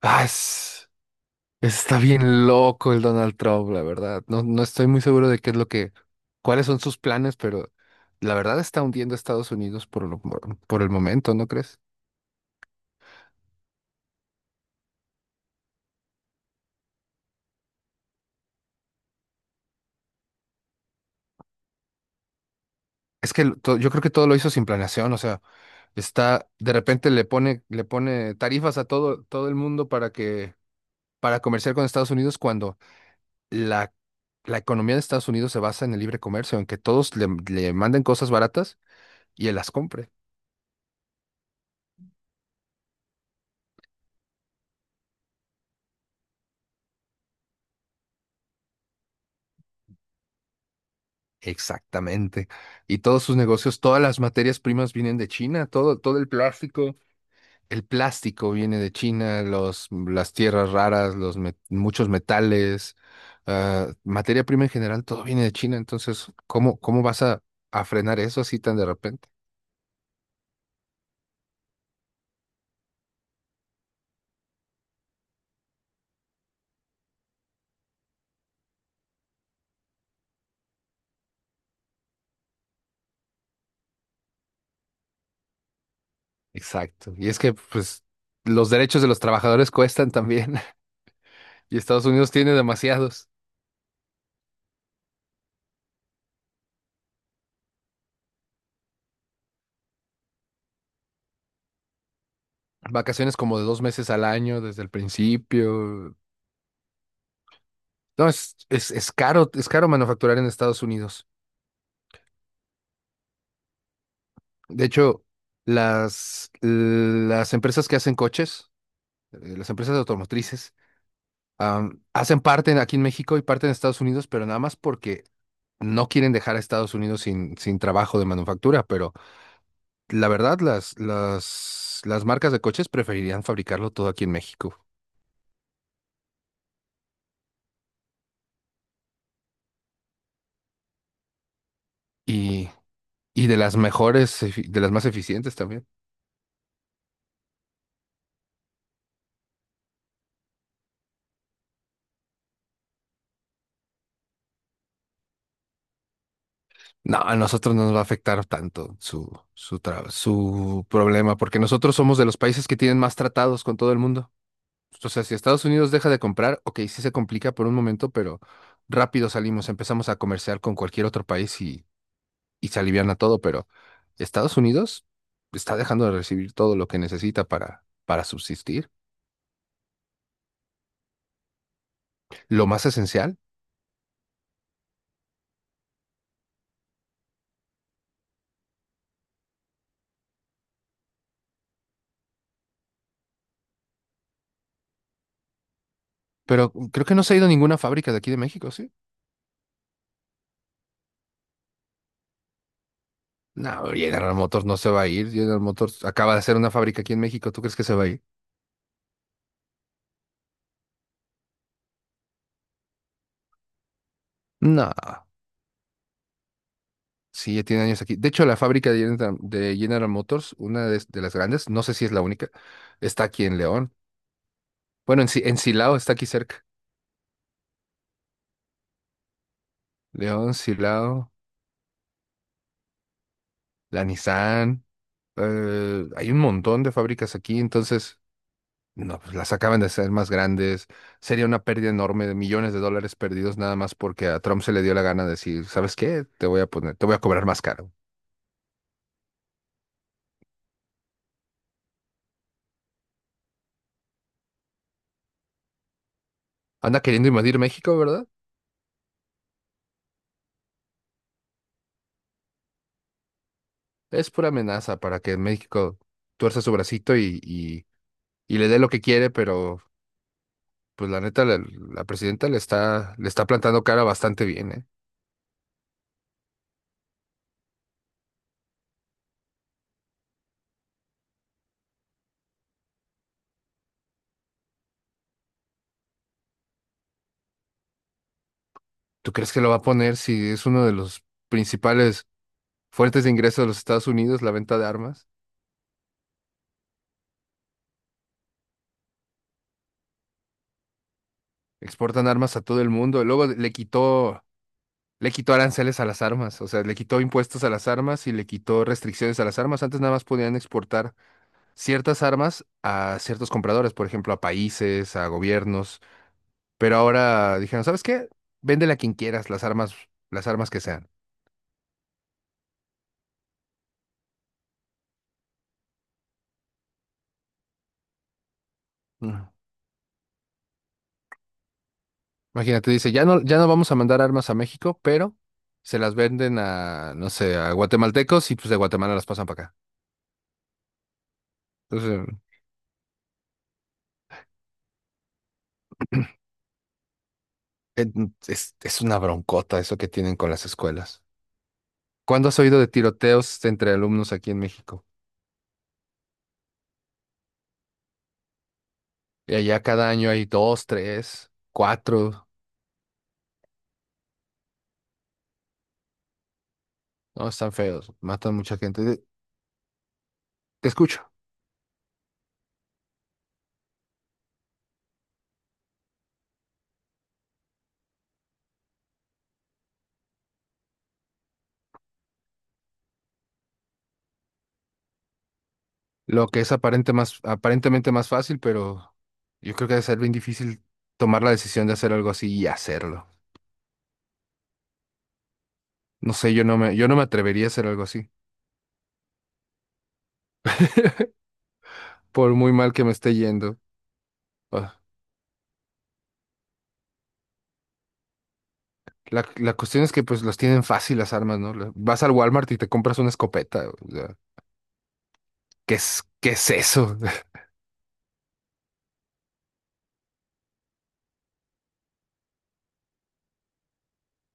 Ah, es- Está bien loco el Donald Trump, la verdad. No, no estoy muy seguro de qué es lo que, cuáles son sus planes, pero la verdad está hundiendo a Estados Unidos por lo- por el momento, ¿no crees? Es que yo creo que todo lo hizo sin planeación, o sea, está, de repente le pone tarifas a todo el mundo para que, para comerciar con Estados Unidos cuando la, la economía de Estados Unidos se basa en el libre comercio, en que todos le manden cosas baratas y él las compre. Exactamente. Y todos sus negocios, todas las materias primas vienen de China, todo el plástico viene de China, las tierras raras, muchos metales, materia prima en general, todo viene de China. Entonces, ¿cómo vas a frenar eso así tan de repente? Exacto. Y es que, pues, los derechos de los trabajadores cuestan también, y Estados Unidos tiene demasiados. Vacaciones como de 2 meses al año desde el principio. No, es caro manufacturar en Estados Unidos. De hecho, las empresas que hacen coches, las empresas automotrices, hacen parte aquí en México y parte en Estados Unidos, pero nada más porque no quieren dejar a Estados Unidos sin trabajo de manufactura. Pero la verdad, las marcas de coches preferirían fabricarlo todo aquí en México. Y, y de las mejores, de las más eficientes también. No, a nosotros no nos va a afectar tanto su problema, porque nosotros somos de los países que tienen más tratados con todo el mundo. O sea, si Estados Unidos deja de comprar, ok, sí se complica por un momento, pero rápido salimos, empezamos a comerciar con cualquier otro país y se aliviana todo, pero Estados Unidos está dejando de recibir todo lo que necesita para subsistir, lo más esencial, pero creo que no se ha ido ninguna fábrica de aquí de México, ¿sí? No, General Motors no se va a ir, General Motors acaba de hacer una fábrica aquí en México, ¿tú crees que se va a ir? No, sí, ya tiene años aquí. De hecho, la fábrica de General Motors, una de las grandes, no sé si es la única, está aquí en León. Bueno, en, Si- en Silao está aquí cerca. León, Silao, la Nissan. Hay un montón de fábricas aquí, entonces, no, pues las acaban de hacer más grandes. Sería una pérdida enorme de millones de dólares perdidos nada más porque a Trump se le dio la gana de decir, ¿sabes qué? Te voy a poner, te voy a cobrar más caro. Anda queriendo invadir México, ¿verdad? Es pura amenaza para que México tuerza su bracito y le dé lo que quiere, pero pues la neta, la presidenta le está plantando cara bastante bien, ¿eh? ¿Tú crees que lo va a poner si es uno de los principales fuentes de ingresos de los Estados Unidos, la venta de armas? Exportan armas a todo el mundo. Y luego le quitó aranceles a las armas, o sea, le quitó impuestos a las armas y le quitó restricciones a las armas. Antes nada más podían exportar ciertas armas a ciertos compradores, por ejemplo, a países, a gobiernos. Pero ahora dijeron, ¿sabes qué? Véndele a quien quieras las armas que sean. No. Imagínate, dice, ya no, ya no vamos a mandar armas a México, pero se las venden a, no sé, a guatemaltecos y pues de Guatemala las pasan para acá. Entonces, eh, es una broncota eso que tienen con las escuelas. ¿Cuándo has oído de tiroteos entre alumnos aquí en México? Y allá cada año hay dos, tres, cuatro. No, están feos, matan mucha gente. Te escucho. Lo que es aparentemente más fácil, pero yo creo que debe ser bien difícil tomar la decisión de hacer algo así y hacerlo. No sé, yo no me atrevería a hacer algo así, por muy mal que me esté yendo. Ah, la cuestión es que pues los tienen fácil las armas, ¿no? Vas al Walmart y te compras una escopeta. O sea, ¿qué es eso?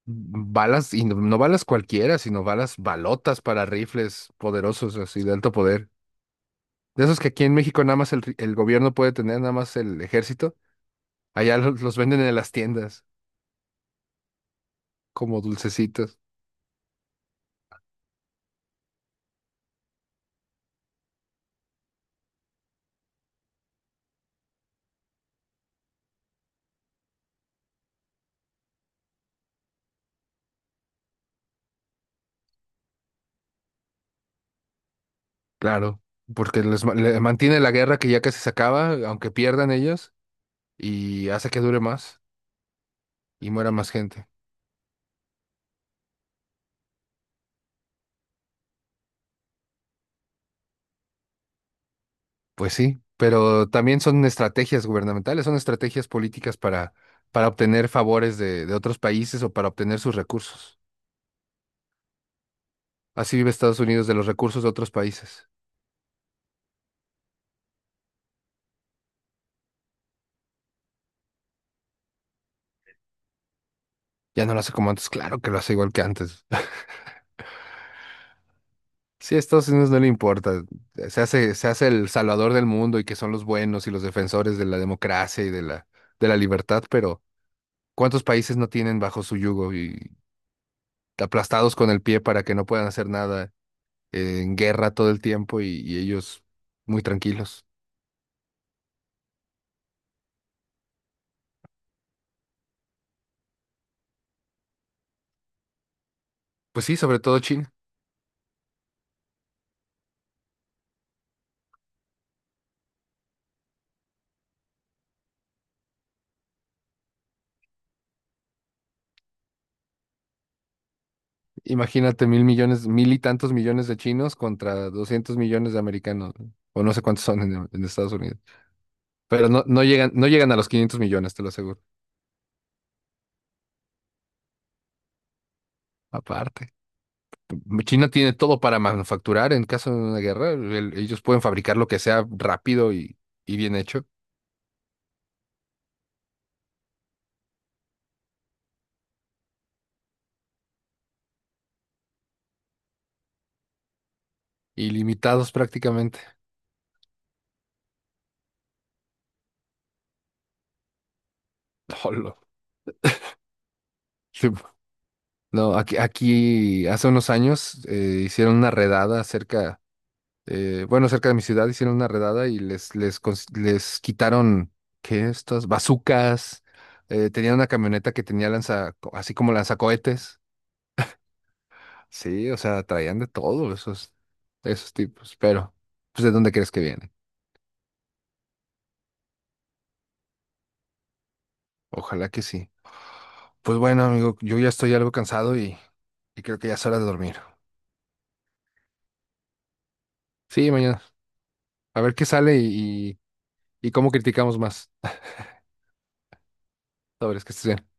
Balas, y no, no balas cualquiera, sino balas balotas para rifles poderosos, así de alto poder. De esos que aquí en México nada más el gobierno puede tener, nada más el ejército. Allá los venden en las tiendas como dulcecitos. Claro, porque mantiene la guerra que ya casi se acaba, aunque pierdan ellos. Y hace que dure más y muera más gente. Pues sí, pero también son estrategias gubernamentales, son estrategias políticas para obtener favores de otros países o para obtener sus recursos. Así vive Estados Unidos de los recursos de otros países. Ya no lo hace como antes, claro que lo hace igual que antes. Sí, a Estados Unidos no le importa. Se hace el salvador del mundo y que son los buenos y los defensores de la democracia y de la libertad, pero ¿cuántos países no tienen bajo su yugo y aplastados con el pie para que no puedan hacer nada? En guerra todo el tiempo y ellos muy tranquilos. Pues sí, sobre todo China. Imagínate 1.000 millones, mil y tantos millones de chinos contra 200 millones de americanos, ¿no? O no sé cuántos son en Estados Unidos. Pero no, no llegan a los 500 millones, te lo aseguro. Aparte, China tiene todo para manufacturar en caso de una guerra. Ellos pueden fabricar lo que sea rápido y bien hecho, ilimitados prácticamente. Olo. Sí, no, aquí hace unos años hicieron una redada cerca bueno, cerca de mi ciudad hicieron una redada y les quitaron, ¿qué? Estas bazucas. Tenían una camioneta que tenía así como lanzacohetes. Sí, o sea, traían de todo esos tipos. Pero, pues, ¿de dónde crees que vienen? Ojalá que sí. Pues bueno, amigo, yo ya estoy algo cansado y creo que ya es hora de dormir. Sí, mañana. A ver qué sale y cómo criticamos más. Sabes que estés bien.